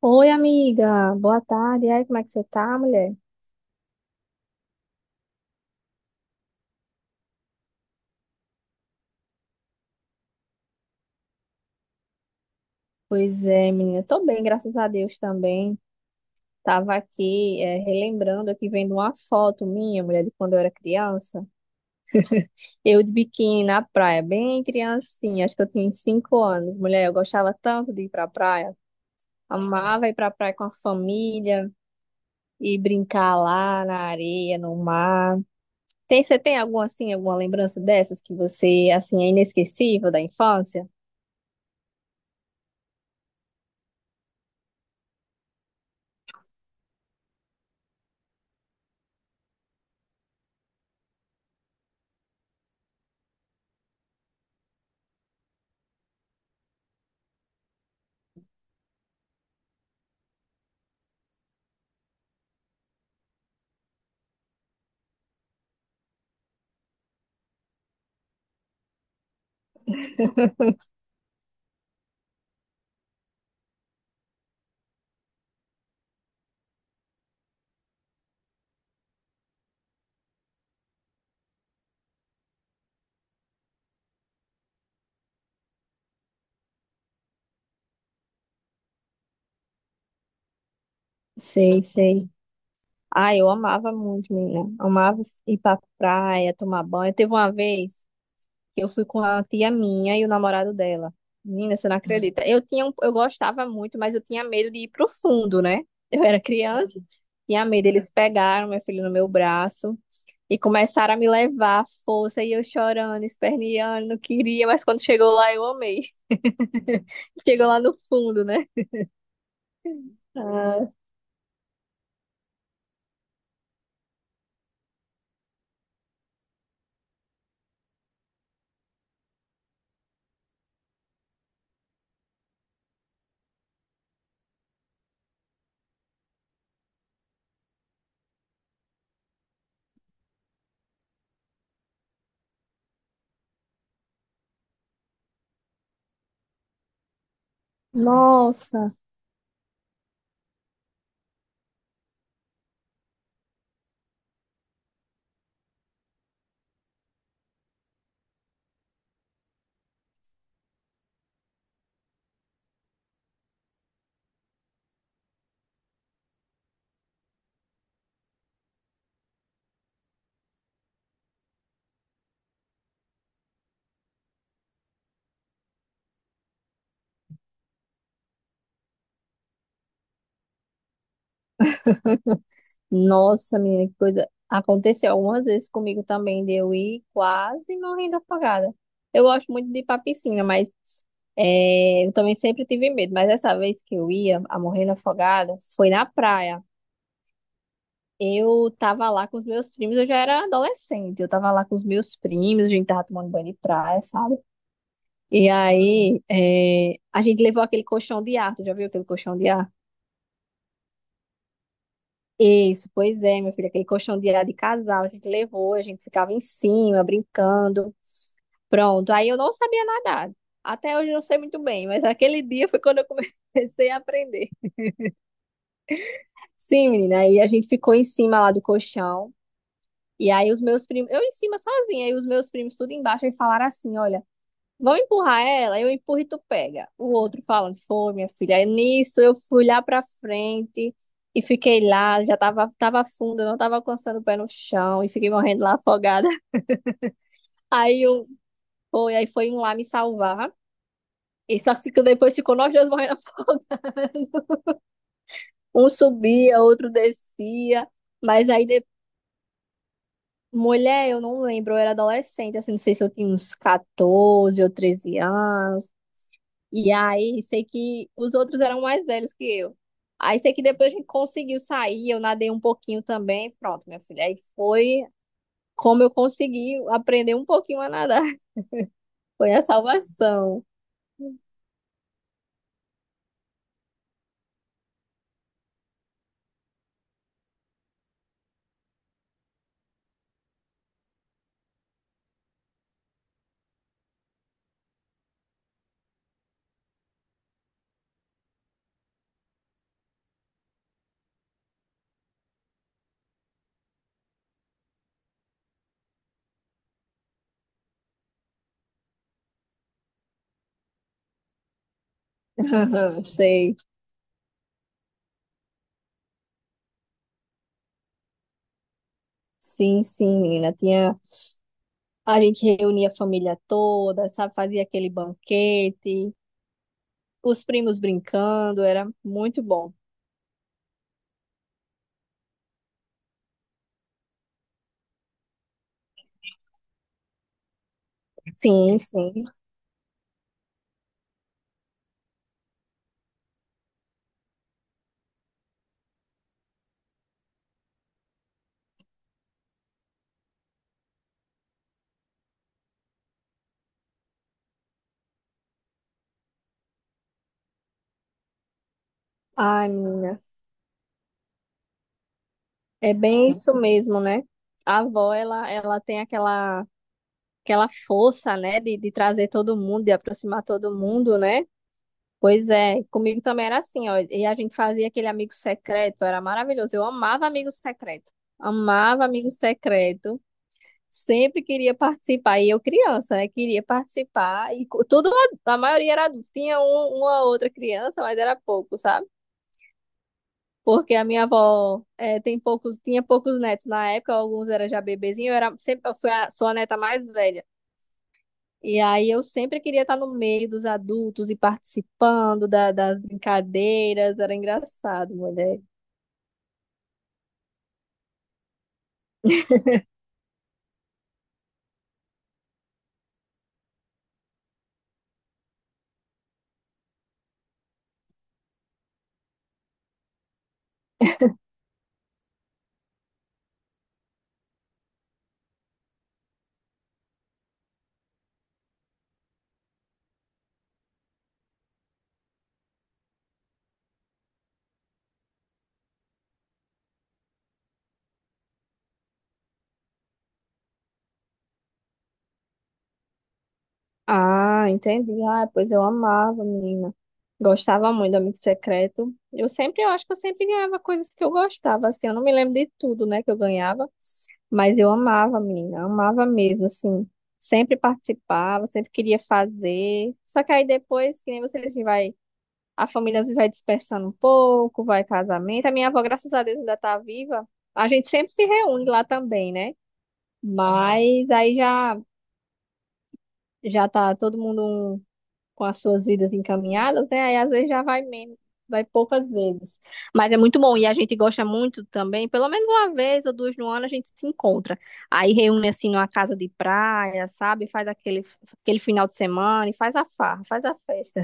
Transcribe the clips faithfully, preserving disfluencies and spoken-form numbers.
Oi, amiga. Boa tarde. E aí, como é que você tá, mulher? Pois é, menina. Tô bem, graças a Deus também. Tava aqui, é, relembrando aqui, vendo uma foto minha, mulher, de quando eu era criança. Eu de biquíni na praia, bem criancinha. Acho que eu tinha uns cinco anos. Mulher, eu gostava tanto de ir pra praia. Amava ir pra praia com a família e brincar lá na areia, no mar. Tem, você tem alguma, assim, alguma lembrança dessas que você, assim, é inesquecível da infância? Sei, sei. Ah, eu amava muito, menina. Amava ir pra praia, tomar banho. Teve uma vez que eu fui com a tia minha e o namorado dela. Menina, você não Hum. acredita. Eu tinha, um- eu gostava muito, mas eu tinha medo de ir pro fundo, né? Eu era criança, tinha medo. Eles pegaram meu filho no meu braço e começaram a me levar à força e eu chorando, esperneando, não queria, mas quando chegou lá eu amei. Chegou lá no fundo, né? Ah, nossa. Nossa, menina, que coisa. Aconteceu algumas vezes comigo também, de eu ir quase morrendo afogada. Eu gosto muito de ir pra piscina, mas é, eu também sempre tive medo. Mas essa vez que eu ia a morrendo afogada, foi na praia. Eu tava lá com os meus primos, eu já era adolescente. Eu tava lá com os meus primos, a gente tava tomando banho de praia, sabe? E aí, é, a gente levou aquele colchão de ar. Tu já viu aquele colchão de ar? Isso, pois é, minha filha, aquele colchão de, de casal, a gente levou, a gente ficava em cima, brincando. Pronto, aí eu não sabia nadar. Até hoje eu não sei muito bem, mas aquele dia foi quando eu comecei a aprender. Sim, menina, aí a gente ficou em cima lá do colchão. E aí os meus primos, eu em cima sozinha, e os meus primos tudo embaixo, e falaram assim: olha. Vão empurrar ela, eu empurro e tu pega. O outro falando, foi, minha filha. Aí nisso eu fui lá pra frente e fiquei lá, já tava, tava fundo, eu não tava alcançando o pé no chão e fiquei morrendo lá afogada. Aí um foi, aí foi um lá me salvar. E só que ficou- depois ficou nós dois morrendo afogados. Um subia, outro descia. Mas aí, de... mulher, eu não lembro, eu era adolescente, assim, não sei se eu tinha uns catorze ou treze anos. E aí, sei que os outros eram mais velhos que eu. Aí, sei que depois a gente conseguiu sair, eu nadei um pouquinho também. Pronto, minha filha. Aí foi como eu consegui aprender um pouquinho a nadar. Foi a salvação. Aham, sei. Sim, sim, menina. Tinha... A gente reunia a família toda, sabe? Fazia aquele banquete. Os primos brincando, era muito bom. Sim, sim. Ai, menina, é bem isso mesmo, né? A avó, ela, ela tem aquela, aquela força, né, de, de trazer todo mundo, de aproximar todo mundo, né? Pois é, comigo também era assim, ó. E a gente fazia aquele amigo secreto, era maravilhoso. Eu amava amigo secreto. Amava amigo secreto. Sempre queria participar. E eu criança, né? Queria participar. E co- tudo, a maioria era adulto. Tinha um, uma outra criança, mas era pouco, sabe? Porque a minha avó eh, tem poucos, tinha poucos netos na época, alguns eram já bebezinhos eu era sempre, eu fui a, sou a neta mais velha. E aí eu sempre queria estar no meio dos adultos e participando da- das brincadeiras, era engraçado, mulher. Ah, entendi. Ah, pois eu amava, menina. Gostava muito do Amigo Secreto. Eu sempre, eu acho que eu sempre ganhava coisas que eu gostava, assim, eu não me lembro de tudo, né, que eu ganhava. Mas eu amava, menina, amava mesmo, assim. Sempre participava, sempre queria fazer. Só que aí depois, que nem vocês vai, a família às vezes vai dispersando um pouco, vai casamento. A minha avó, graças a Deus, ainda está viva. A gente sempre se reúne lá também, né? Mas aí já já tá todo mundo um com as suas vidas encaminhadas, né? Aí às vezes já vai menos, vai poucas vezes. Mas é muito bom e a gente gosta muito também, pelo menos uma vez ou duas no ano a gente se encontra. Aí reúne assim numa casa de praia, sabe? Faz aquele, aquele final de semana e faz a farra, faz a festa.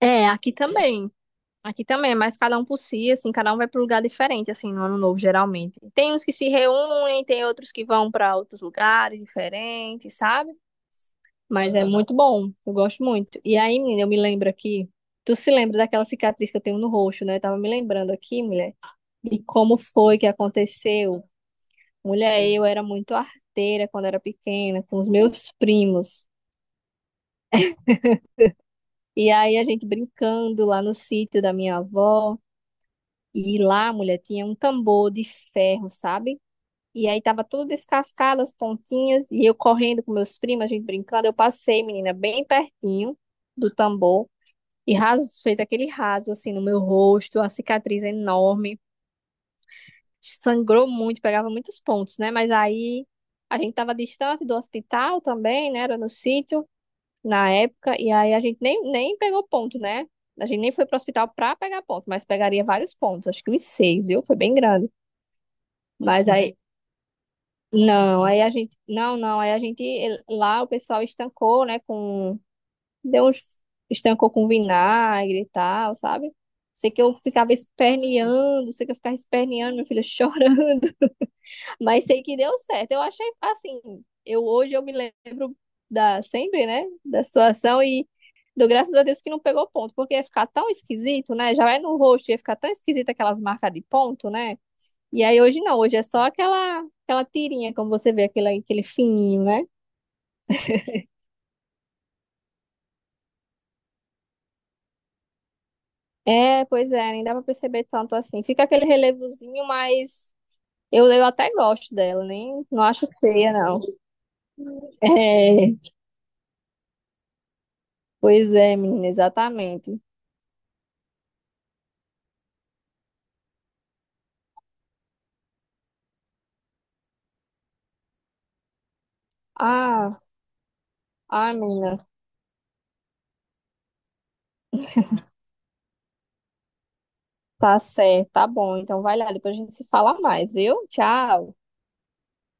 É, aqui também. Aqui também, mas cada um por si, assim, cada um vai para um lugar diferente, assim, no ano novo, geralmente. Tem uns que se reúnem, tem outros que vão para outros lugares diferentes, sabe? Mas é muito bom, eu gosto muito. E aí, menina, eu me lembro aqui. Tu se lembra daquela cicatriz que eu tenho no rosto, né? Eu tava me lembrando aqui, mulher, de como foi que aconteceu. Mulher, eu era muito arteira quando era pequena, com os meus primos. E aí a gente brincando lá no sítio da minha avó. E lá, mulher, tinha um tambor de ferro, sabe? E aí tava tudo descascado, as pontinhas. E eu correndo com meus primos, a gente brincando. Eu passei, menina, bem pertinho do tambor. E ras fez aquele rasgo assim no meu rosto, a cicatriz enorme, sangrou muito, pegava muitos pontos, né? Mas aí a gente tava distante do hospital também, né? Era no sítio na época, e aí a gente nem, nem pegou ponto, né? A gente nem foi pro hospital pra pegar ponto, mas pegaria vários pontos, acho que uns seis, viu? Foi bem grande. Mas aí, não, aí a gente, não, não, aí a gente, lá o pessoal estancou, né, com Deu uns estancou com vinagre e tal, sabe? Sei que eu ficava esperneando, sei que eu ficava esperneando, minha filha chorando, mas sei que deu certo. Eu achei assim, eu hoje eu me lembro da sempre, né, da situação e dou graças a Deus que não pegou ponto, porque ia ficar tão esquisito, né? Já é no rosto, ia ficar tão esquisito aquelas marcas de ponto, né? E aí hoje não, hoje é só aquela aquela tirinha, como você vê, aquele aquele fininho, né? É, pois é, nem dá pra perceber tanto assim. Fica aquele relevozinho, mas eu, eu até gosto dela, nem não acho feia, não. É, pois é, menina, exatamente. Ah, ah, menina, tá certo, tá bom. Então vai lá, depois a gente se fala mais, viu? Tchau.